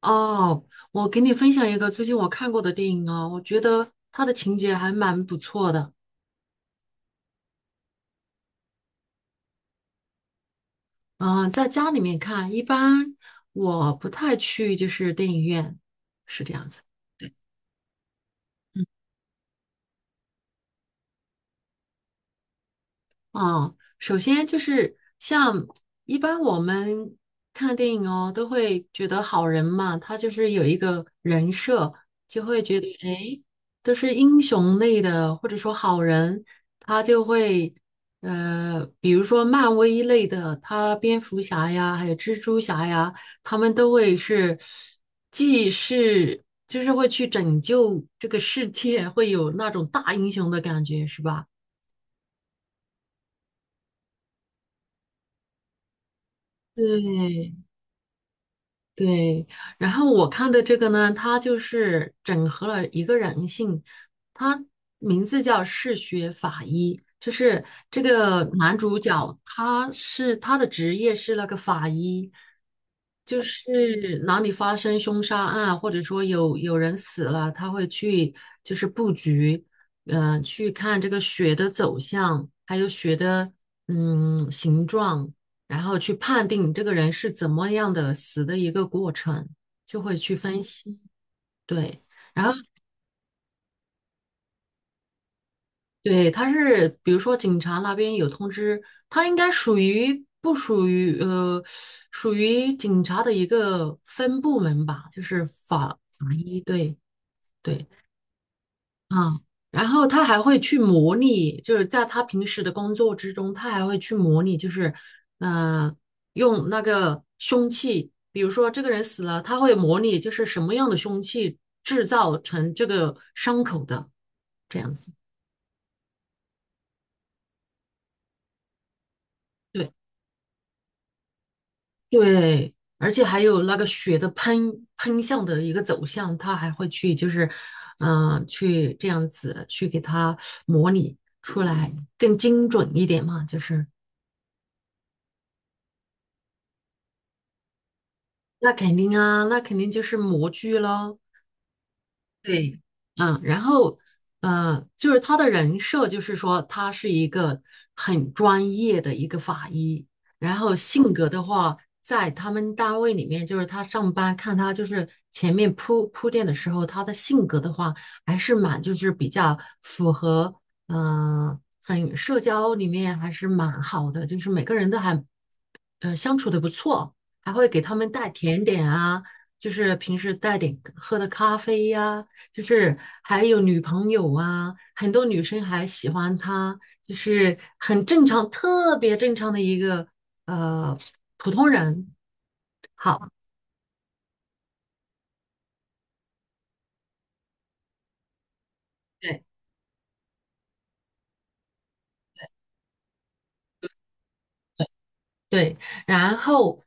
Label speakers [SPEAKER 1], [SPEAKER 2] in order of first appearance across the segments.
[SPEAKER 1] 哦，我给你分享一个最近我看过的电影啊，我觉得它的情节还蛮不错的。嗯，在家里面看，一般我不太去，就是电影院，是这样子。啊，首先就是像一般我们看电影哦，都会觉得好人嘛，他就是有一个人设。就。都是英雄类的，或者说好人，他就会，比如说漫威类的，他蝙蝠侠呀，还有蜘蛛侠呀，他们都会是，既是就是会去拯救这个世界，会有那种大英雄的感觉，是吧？对，对，然后我看的这个呢，它就是整合了一个人性，它名字叫嗜血法医，就是这个男主角，他的职业是那个法医，就是哪里发生凶杀案，或者说有人死了，他会去就是布局，嗯、去看这个血的走向，还有血的嗯形状。然后去判定你这个人是怎么样的死的一个过程，就会去分析。对，然后对，他是比如说警察那边有通知，他应该属于不属于属于警察的一个分部门吧，就是法医。对对，嗯，然后他还会去模拟，就是在他平时的工作之中，他还会去模拟，就是呃，用那个凶器，比如说这个人死了，他会模拟就是什么样的凶器制造成这个伤口的这样子。对对，而且还有那个血的喷向的一个走向，他还会去就是嗯、去这样子去给他模拟出来，更精准一点嘛，就是。那肯定啊，那肯定就是模具喽。对，嗯，然后，就是他的人设，就是说他是一个很专业的一个法医。然后性格的话，在他们单位里面，就是他上班看他就是前面铺垫的时候，他的性格的话，还是蛮就是比较符合，嗯、很社交里面还是蛮好的，就是每个人都还相处的不错，还会给他们带甜点啊，就是平时带点喝的咖啡呀、就是还有女朋友啊，很多女生还喜欢他，就是很正常，特别正常的一个呃普通人。好，对对，然后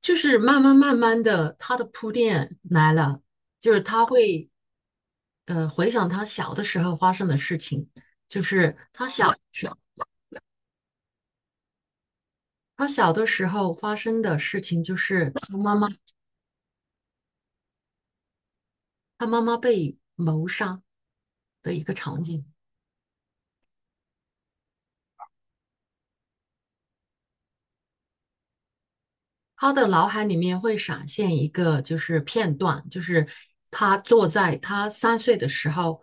[SPEAKER 1] 就是慢慢的，他的铺垫来了，就是他会回想他小的时候发生的事情。就是他小的时候发生的事情就是他妈妈，他妈妈被谋杀的一个场景。他的脑海里面会闪现一个就是片段，就是他坐在他三岁的时候，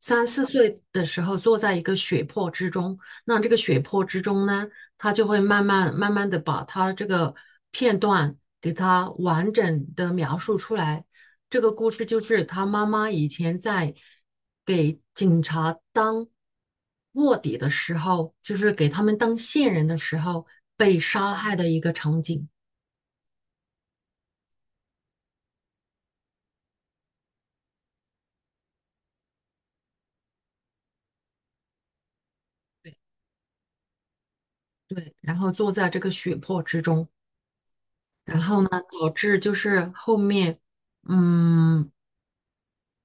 [SPEAKER 1] 三四岁的时候坐在一个血泊之中。那这个血泊之中呢，他就会慢慢的把他这个片段给他完整的描述出来。这个故事就是他妈妈以前在给警察当卧底的时候，就是给他们当线人的时候被杀害的一个场景。对，然后坐在这个血泊之中，然后呢，导致就是后面，嗯，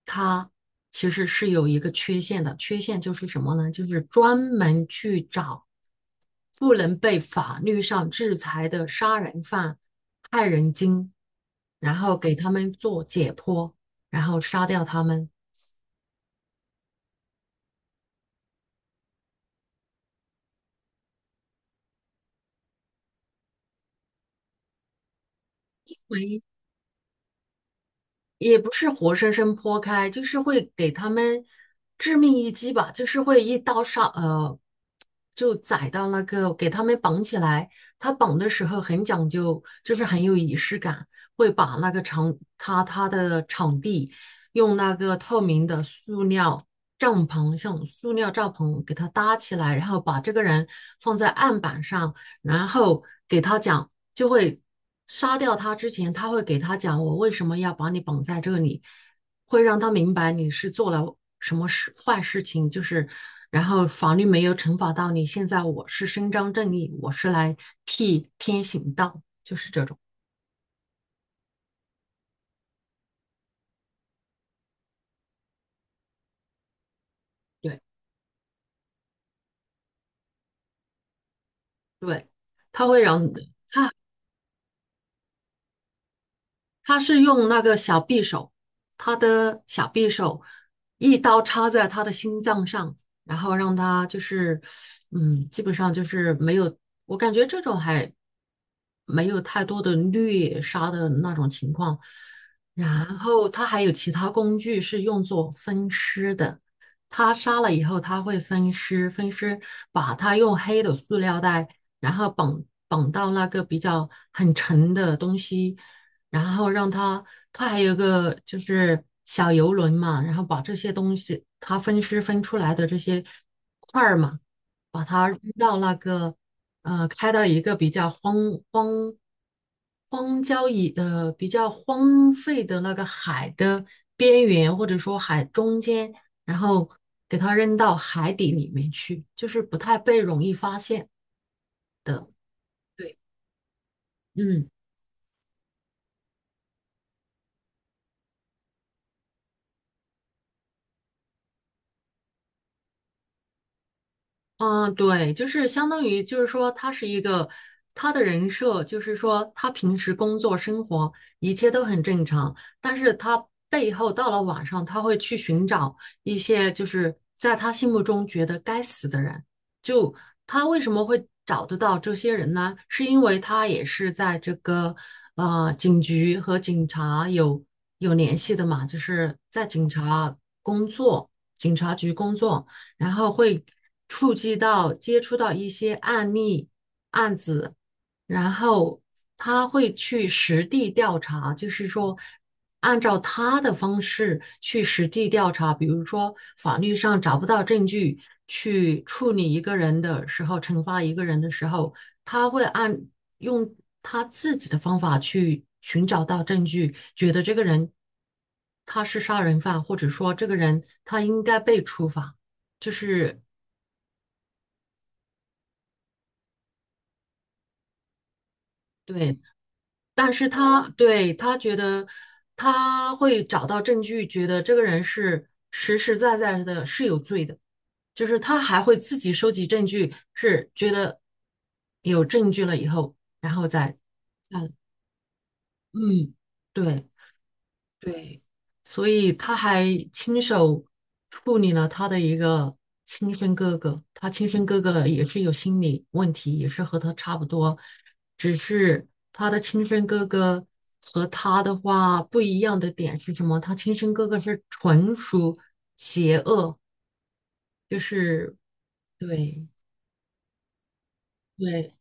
[SPEAKER 1] 他其实是有一个缺陷的，缺陷就是什么呢？就是专门去找不能被法律上制裁的杀人犯、害人精，然后给他们做解剖，然后杀掉他们。也不是活生生剖开，就是会给他们致命一击吧，就是会一刀杀，就宰到那个给他们绑起来。他绑的时候很讲究，就是很有仪式感，会把那个场他的场地用那个透明的塑料帐篷，像塑料帐篷给他搭起来，然后把这个人放在案板上，然后给他讲。就会杀掉他之前，他会给他讲我为什么要把你绑在这里，会让他明白你是做了什么事坏事情，就是然后法律没有惩罚到你，现在我是伸张正义，我是来替天行道，就是这种，对对，他会让他他是用那个小匕首，他的小匕首一刀插在他的心脏上，然后让他就是，嗯，基本上就是没有，我感觉这种还没有太多的虐杀的那种情况。然后他还有其他工具是用作分尸的，他杀了以后他会分尸，分尸把他用黑的塑料袋，然后绑到那个比较很沉的东西。然后让他，他还有个就是小游轮嘛，然后把这些东西，他分尸分出来的这些块儿嘛，把它扔到那个开到一个比较荒荒郊野比较荒废的那个海的边缘，或者说海中间，然后给它扔到海底里面去，就是不太被容易发现。对，嗯。嗯，对，就是相当于，就是说，他是一个他的人设，就是说，他平时工作生活一切都很正常，但是他背后到了晚上，他会去寻找一些就是在他心目中觉得该死的人。就他为什么会找得到这些人呢？是因为他也是在这个警局和警察有联系的嘛，就是在警察工作，警察局工作。然后会触及到接触到一些案例案子，然后他会去实地调查，就是说按照他的方式去实地调查，比如说法律上找不到证据去处理一个人的时候，惩罚一个人的时候，他会按用他自己的方法去寻找到证据，觉得这个人他是杀人犯，或者说这个人他应该被处罚，就是对。但是他对他觉得他会找到证据，觉得这个人是实实在在的是有罪的，就是他还会自己收集证据，是觉得有证据了以后，然后再，嗯嗯，对。对，所以他还亲手处理了他的一个亲生哥哥，他亲生哥哥也是有心理问题，也是和他差不多，只是他的亲生哥哥和他的话不一样的点是什么？他亲生哥哥是纯属邪恶，就是对对。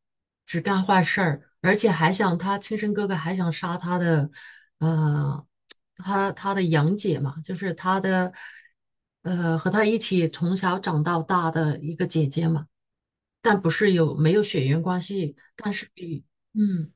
[SPEAKER 1] 只干坏事儿，而且还想他亲生哥哥还想杀他的，呃，他的养姐嘛，就是他的，和他一起从小长到大的一个姐姐嘛，但不是有没有血缘关系，但是比嗯，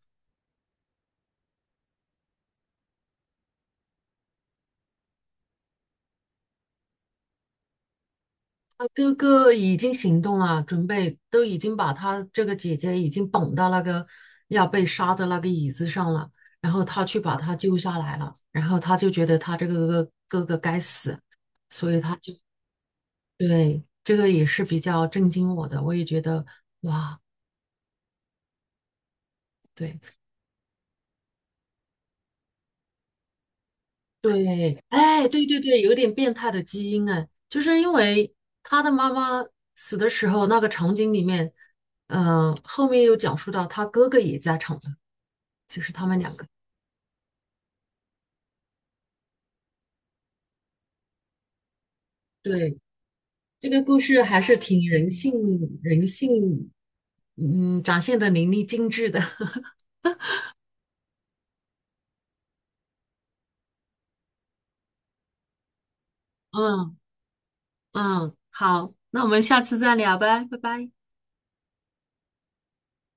[SPEAKER 1] 他哥哥已经行动了，准备都已经把他这个姐姐已经绑到那个要被杀的那个椅子上了，然后他去把他救下来了，然后他就觉得他这个哥哥该死。所以他就。对，这个也是比较震惊我的，我也觉得哇，对对，哎，对对对，有点变态的基因哎，就是因为他的妈妈死的时候，那个场景里面，嗯、后面又讲述到他哥哥也在场的，就是他们两个。对，这个故事还是挺人性，人性，嗯，展现的淋漓尽致的。嗯嗯，好，那我们下次再聊呗，拜拜。